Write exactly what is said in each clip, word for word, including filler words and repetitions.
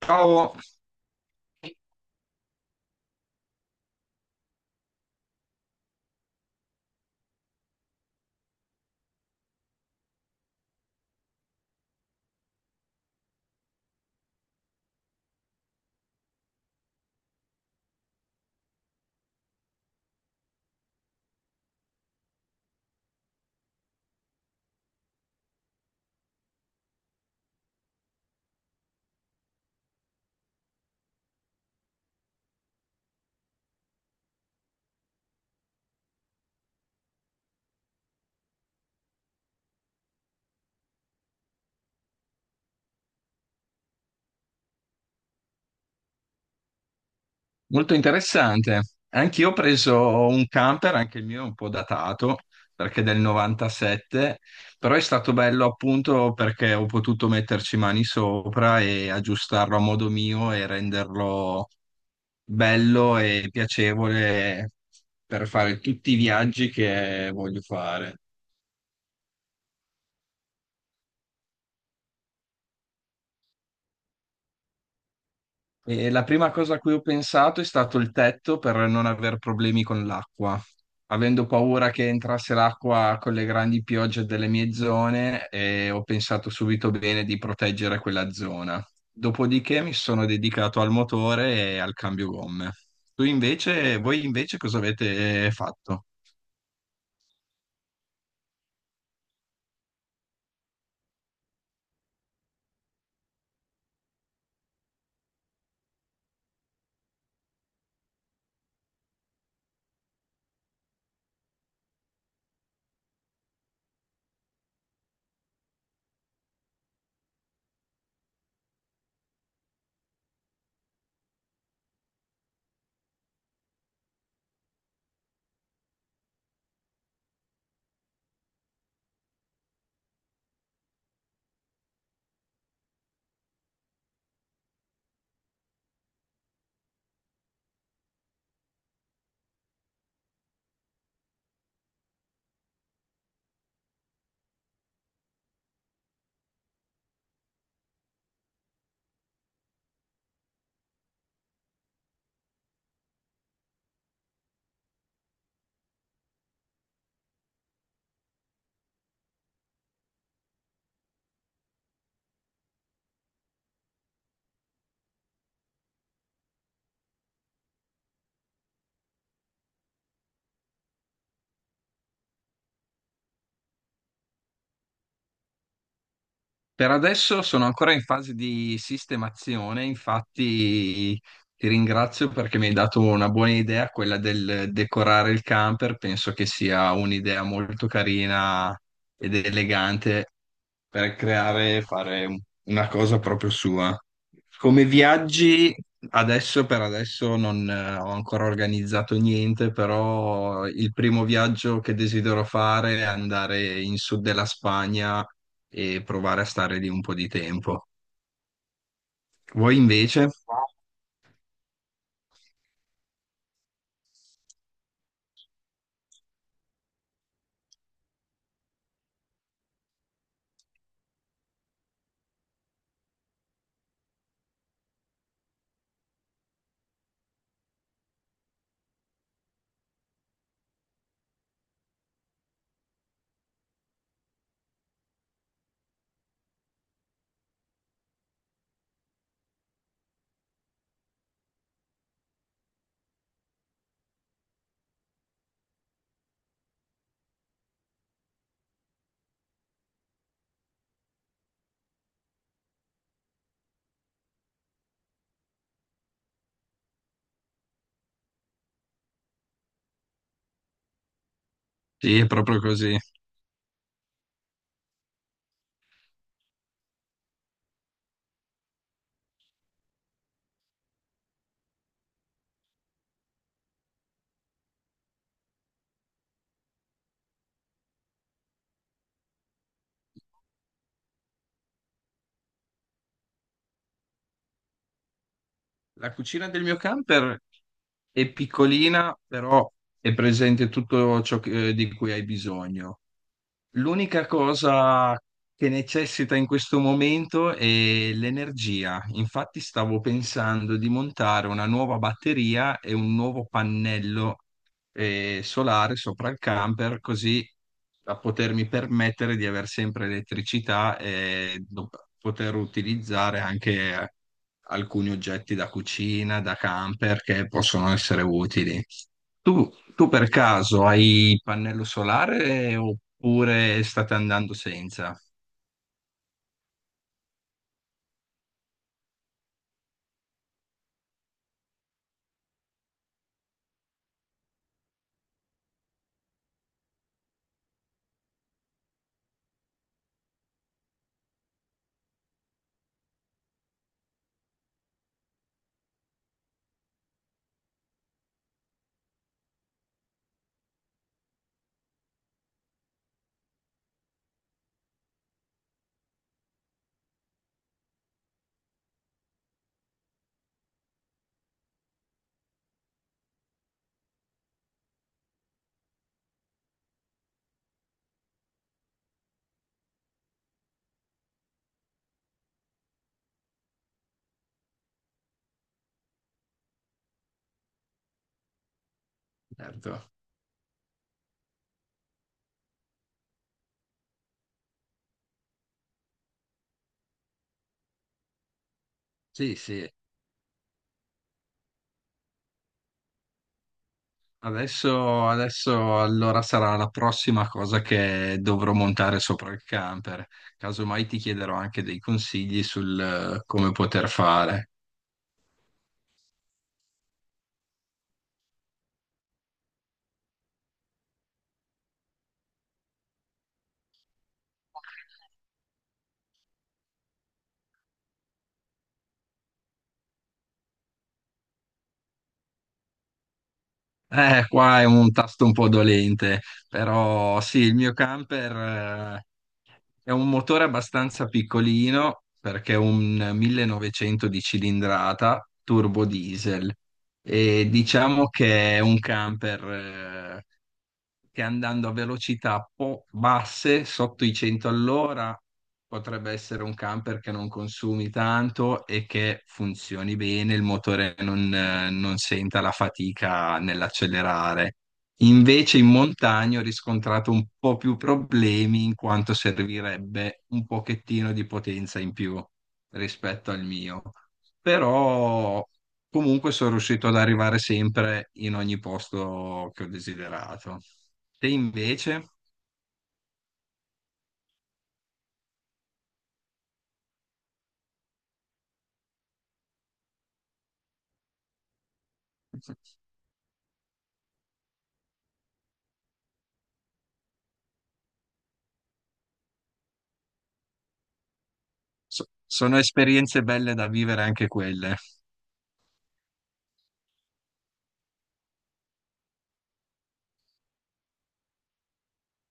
Ciao, molto interessante. Anch'io ho preso un camper, anche il mio è un po' datato perché è del novantasette, però è stato bello appunto perché ho potuto metterci mani sopra e aggiustarlo a modo mio e renderlo bello e piacevole per fare tutti i viaggi che voglio fare. E la prima cosa a cui ho pensato è stato il tetto per non aver problemi con l'acqua. Avendo paura che entrasse l'acqua con le grandi piogge delle mie zone, eh, ho pensato subito bene di proteggere quella zona. Dopodiché mi sono dedicato al motore e al cambio gomme. Tu invece, voi invece cosa avete eh, fatto? Per adesso sono ancora in fase di sistemazione, infatti ti ringrazio perché mi hai dato una buona idea, quella del decorare il camper, penso che sia un'idea molto carina ed elegante per creare e fare un- una cosa proprio sua. Come viaggi, adesso per adesso non eh, ho ancora organizzato niente, però il primo viaggio che desidero fare è andare in sud della Spagna e provare a stare lì un po' di tempo. Voi invece? Sì, è proprio così. La cucina del mio camper è piccolina, però è presente tutto ciò che- eh, di cui hai bisogno. L'unica cosa che necessita in questo momento è l'energia. Infatti stavo pensando di montare una nuova batteria e un nuovo pannello eh, solare sopra il camper, così da potermi permettere di avere sempre elettricità e do- poter utilizzare anche eh, alcuni oggetti da cucina, da camper che possono essere utili. Tu, tu per caso hai il pannello solare oppure state andando senza? Certo. Sì, sì. Adesso, adesso allora sarà la prossima cosa che dovrò montare sopra il camper. Casomai ti chiederò anche dei consigli sul eh, come poter fare. Eh, qua è un tasto un po' dolente, però sì, il mio camper eh, è un motore abbastanza piccolino perché è un millenovecento di cilindrata turbo diesel e diciamo che è un camper eh, che andando a velocità po- basse, sotto i cento all'ora, potrebbe essere un camper che non consumi tanto e che funzioni bene, il motore non, eh, non senta la fatica nell'accelerare. Invece in montagna ho riscontrato un po' più problemi in quanto servirebbe un pochettino di potenza in più rispetto al mio. Però comunque sono riuscito ad arrivare sempre in ogni posto che ho desiderato. Te invece so- sono esperienze belle da vivere anche quelle.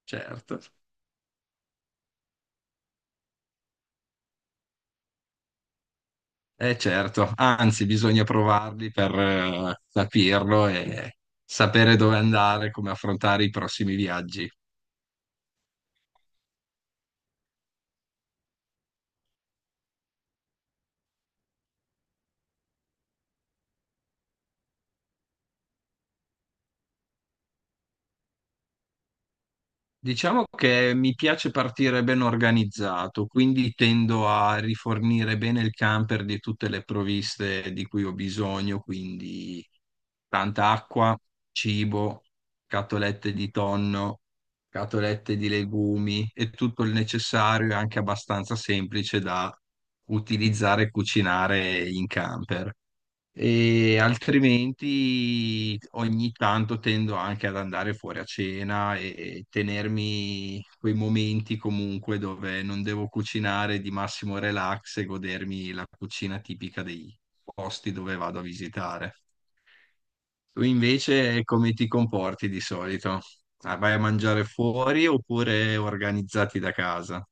Certo. Eh certo, anzi bisogna provarli per eh, capirlo e sapere dove andare, come affrontare i prossimi viaggi. Diciamo che mi piace partire ben organizzato, quindi tendo a rifornire bene il camper di tutte le provviste di cui ho bisogno, quindi tanta acqua, cibo, scatolette di tonno, scatolette di legumi e tutto il necessario e anche abbastanza semplice da utilizzare e cucinare in camper. E altrimenti ogni tanto tendo anche ad andare fuori a cena e e tenermi quei momenti comunque dove non devo cucinare di massimo relax e godermi la cucina tipica dei posti dove vado a visitare. Tu invece come ti comporti di solito? Ah, vai a mangiare fuori oppure organizzati da casa?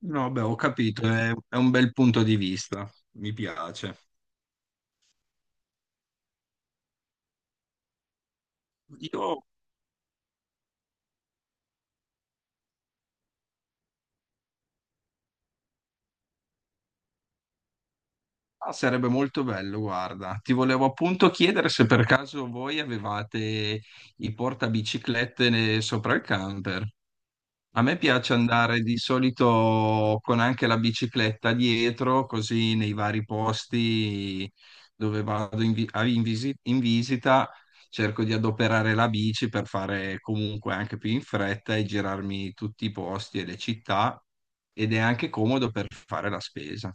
No, beh, ho capito, è è un bel punto di vista, mi piace. Io Ah, sarebbe molto bello, guarda. Ti volevo appunto chiedere se per caso voi avevate i portabiciclette ne- sopra il camper. A me piace andare di solito con anche la bicicletta dietro, così nei vari posti dove vado in, vi- a- in visi- in visita, cerco di adoperare la bici per fare comunque anche più in fretta e girarmi tutti i posti e le città ed è anche comodo per fare la spesa.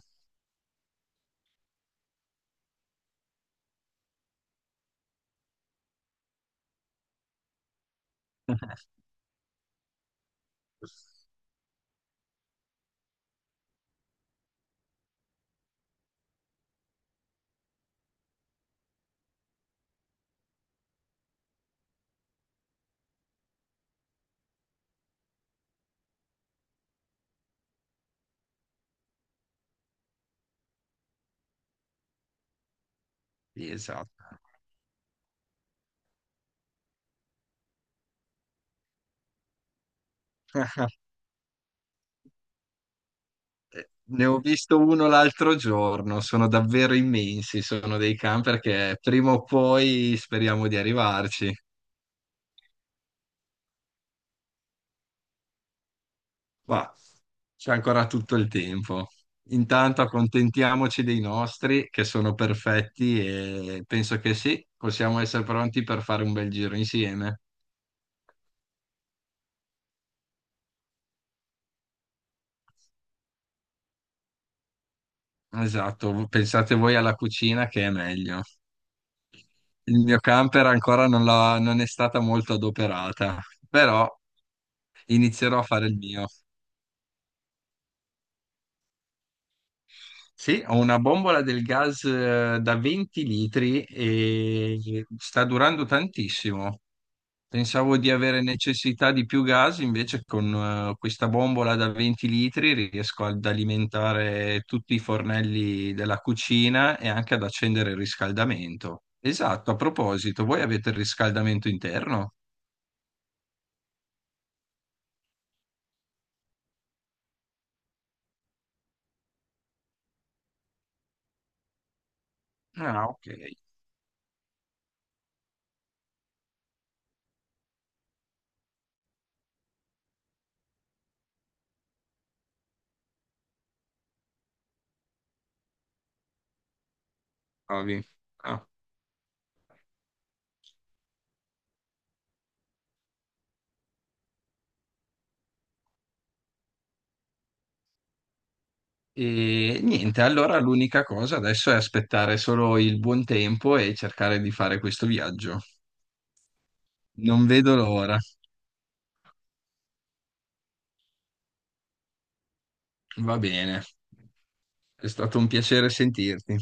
Sì, esatto. Ne ho visto uno l'altro giorno, sono davvero immensi, sono dei camper che prima o poi speriamo di arrivarci, ma c'è ancora tutto il tempo. Intanto accontentiamoci dei nostri che sono perfetti e penso che sì, possiamo essere pronti per fare un bel giro insieme. Esatto, pensate voi alla cucina che è meglio. Il mio camper ancora non l'ha- non è stata molto adoperata, però inizierò a fare il mio. Sì, ho una bombola del gas eh, da venti litri e sta durando tantissimo. Pensavo di avere necessità di più gas, invece con eh, questa bombola da venti litri riesco ad alimentare tutti i fornelli della cucina e anche ad accendere il riscaldamento. Esatto, a proposito, voi avete il riscaldamento interno? Ah, ok. Bravi. E niente, allora l'unica cosa adesso è aspettare solo il buon tempo e cercare di fare questo viaggio. Non vedo l'ora. Va bene, è stato un piacere sentirti.